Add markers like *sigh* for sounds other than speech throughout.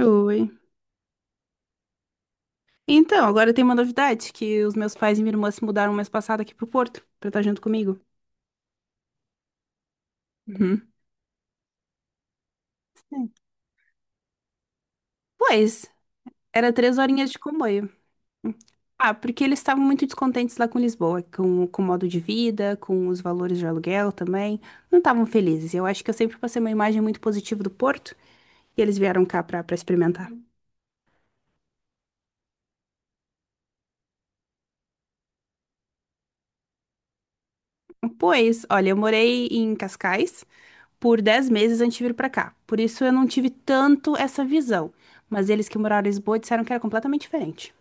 Oi. Então, agora tem uma novidade, que os meus pais e minha irmã se mudaram mês passado aqui pro Porto, pra estar junto comigo. Uhum. Sim. Pois, era 3 horinhas de comboio. Ah, porque eles estavam muito descontentes lá com Lisboa, com o modo de vida, com os valores de aluguel também. Não estavam felizes. Eu acho que eu sempre passei uma imagem muito positiva do Porto, e eles vieram cá pra experimentar. Pois, olha, eu morei em Cascais, por 10 meses antes de vir pra cá. Por isso eu não tive tanto essa visão. Mas eles que moraram em Lisboa disseram que era completamente diferente.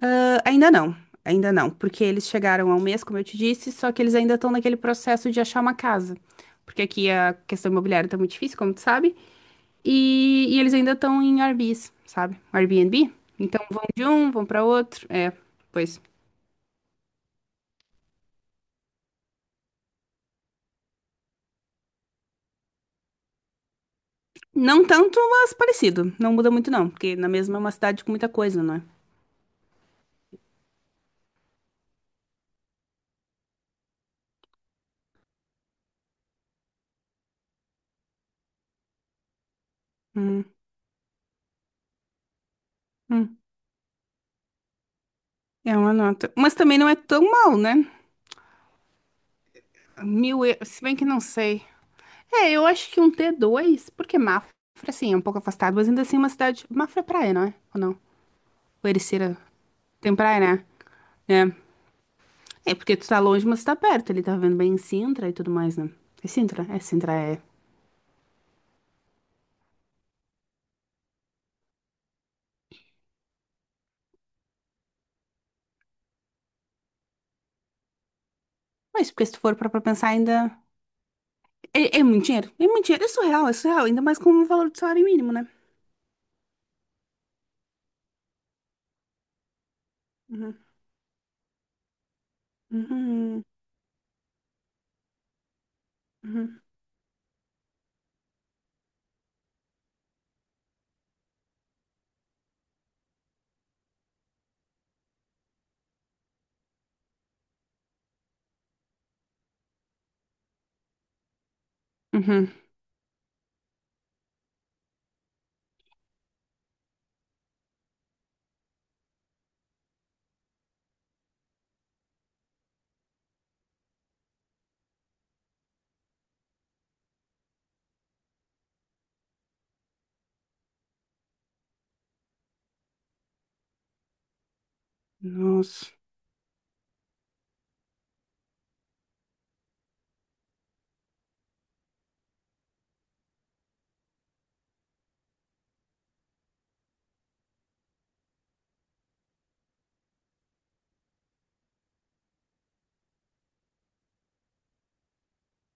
Ah, ainda não, porque eles chegaram há um mês, como eu te disse, só que eles ainda estão naquele processo de achar uma casa. Porque aqui a questão imobiliária tá muito difícil, como tu sabe. E eles ainda estão em Airbnbs, sabe? Airbnb. Então vão de um, vão pra outro. É, pois. Não tanto, mas parecido. Não muda muito, não, porque na mesma é uma cidade com muita coisa, não é? Hum, hum. É uma nota. Mas também não é tão mal, né? 1.000 euros, se bem que não sei. É, eu acho que um T2, porque Mafra, assim, é um pouco afastado, mas ainda assim é uma cidade. Mafra é praia, não é? Ou não? Ou Ericeira tem praia, né? É. É, porque tu tá longe, mas tu tá perto. Ele tá vendo bem em Sintra e tudo mais, né? É Sintra? É, Sintra é. Mas porque se tu for pra pensar ainda. É, é muito dinheiro. É muito dinheiro. É surreal, é surreal. Ainda mais com o valor do salário mínimo, né? Uhum. Uhum. Uhum. Uhum. Nossa.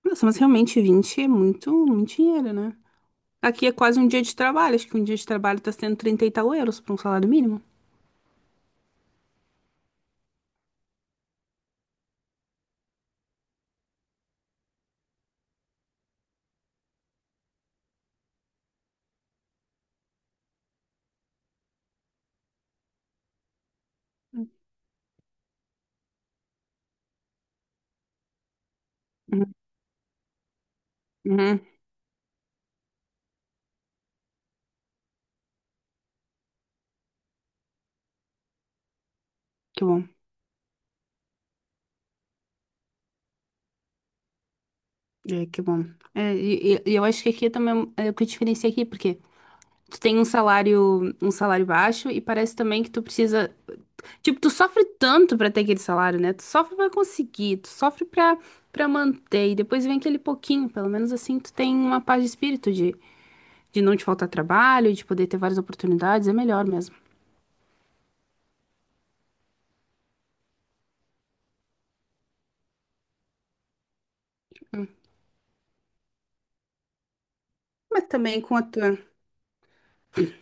Nossa, mas realmente 20 é muito, muito dinheiro, né? Aqui é quase um dia de trabalho. Acho que um dia de trabalho tá sendo 30 e tal euros para um salário mínimo. Uhum. Uhum. Que bom. É, que bom. E eu acho que aqui é também é o que diferencia aqui, porque tu tem um salário baixo e parece também que tu precisa, tipo, tu sofre tanto pra ter aquele salário, né? Tu sofre pra conseguir, tu sofre pra para manter e depois vem aquele pouquinho, pelo menos assim tu tem uma paz de espírito de não te faltar trabalho, de poder ter várias oportunidades, é melhor mesmo. Mas também com a tua,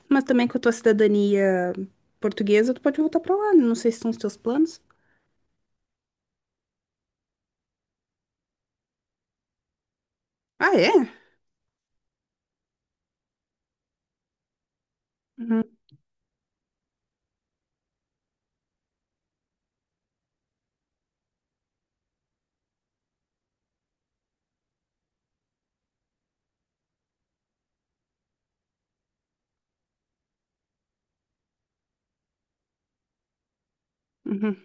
mas também com a tua cidadania portuguesa, tu pode voltar pra lá. Não sei se são os teus planos. Ah, é? Uhum, uhum.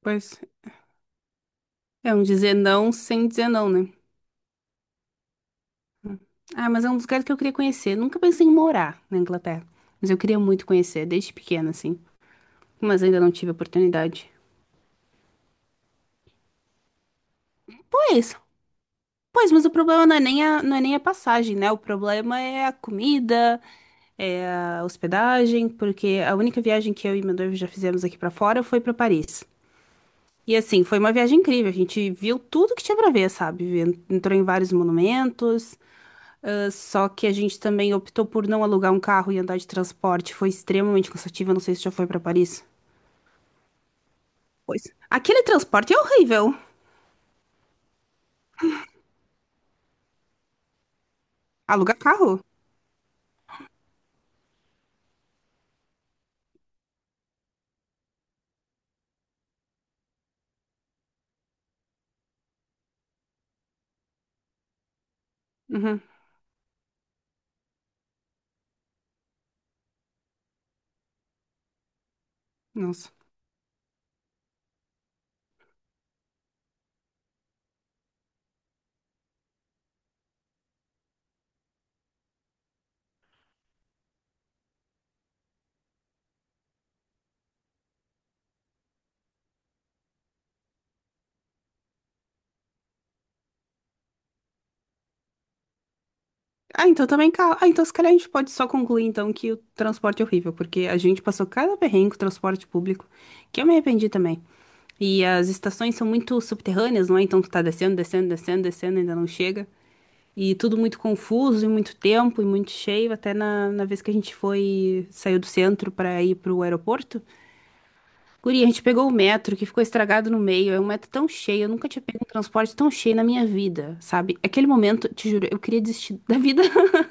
Pois, é um dizer não sem dizer não, né? Ah, mas é um dos lugares que eu queria conhecer. Nunca pensei em morar na Inglaterra. Mas eu queria muito conhecer, desde pequena, assim. Mas ainda não tive oportunidade. Pois, pois, mas o problema não é nem a passagem, né? O problema é a comida, é a hospedagem, porque a única viagem que eu e meu noivo já fizemos aqui pra fora foi pra Paris. E assim, foi uma viagem incrível. A gente viu tudo que tinha pra ver, sabe? Entrou em vários monumentos. Ah, só que a gente também optou por não alugar um carro e andar de transporte. Foi extremamente cansativo. Eu não sei se já foi pra Paris. Pois. Aquele transporte é horrível. Alugar carro? Uhum. Nossa. Ah, então também carro. Ah, então se calhar a gente pode só concluir então que o transporte é horrível, porque a gente passou cada perrengue com o transporte público, que eu me arrependi também. E as estações são muito subterrâneas, não é? Então tu tá descendo, descendo, descendo, descendo, ainda não chega. E tudo muito confuso, e muito tempo, e muito cheio. Até na vez que a gente foi, saiu do centro para ir pro aeroporto. Guri, a gente pegou o metro que ficou estragado no meio. É um metro tão cheio, eu nunca tinha pego um transporte tão cheio na minha vida, sabe? Aquele momento, te juro, eu queria desistir da vida. *laughs*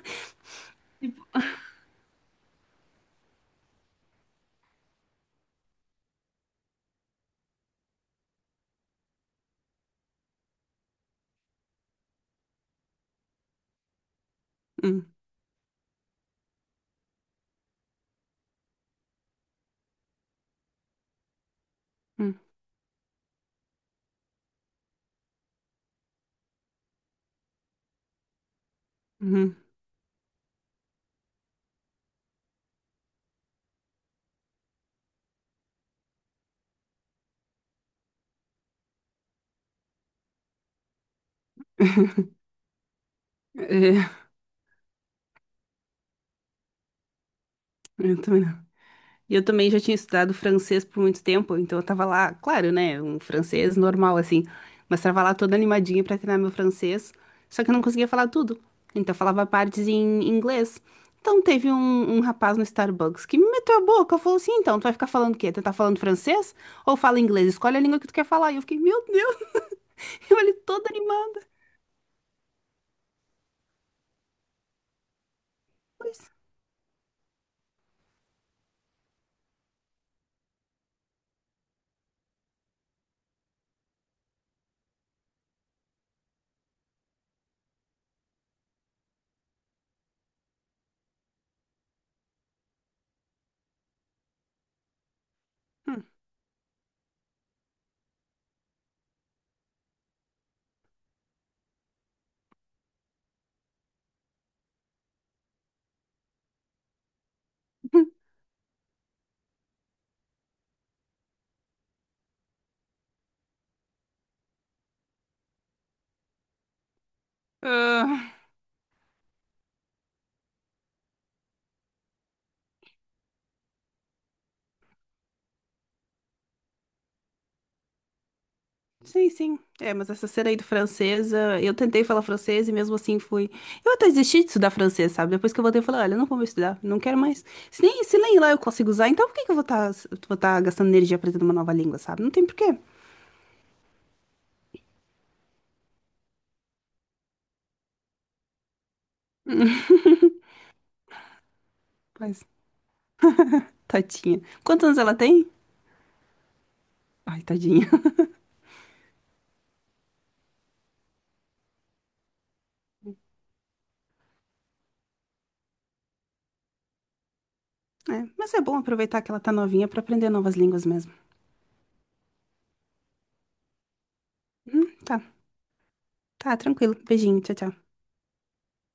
Hum, hum, hum. É, eu também. E eu também já tinha estudado francês por muito tempo, então eu tava lá, claro, né, um francês normal assim, mas tava lá toda animadinha pra treinar meu francês, só que eu não conseguia falar tudo. Então eu falava partes em inglês. Então um rapaz no Starbucks que me meteu a boca, falou assim: "Então, tu vai ficar falando o quê? Tu tá falando francês ou fala inglês? Escolhe a língua que tu quer falar". E eu fiquei: "Meu Deus", *laughs* eu ali toda animada. Pois. Hum. Ah, sim, sim. É, mas essa cena aí do francesa, eu tentei falar francês e mesmo assim fui. Eu até desisti de estudar francês, sabe? Depois que eu voltei, eu falei, olha, não vou mais estudar, não quero mais. Se nem lá eu consigo usar, então por que que eu vou tá gastando energia aprendendo uma nova língua, sabe? Não tem porquê. Mas, tadinha. Quantos anos ela tem? Ai, tadinha. *laughs* É, mas é bom aproveitar que ela tá novinha pra aprender novas línguas mesmo. Tá. Tá, tranquilo. Beijinho, tchau, tchau.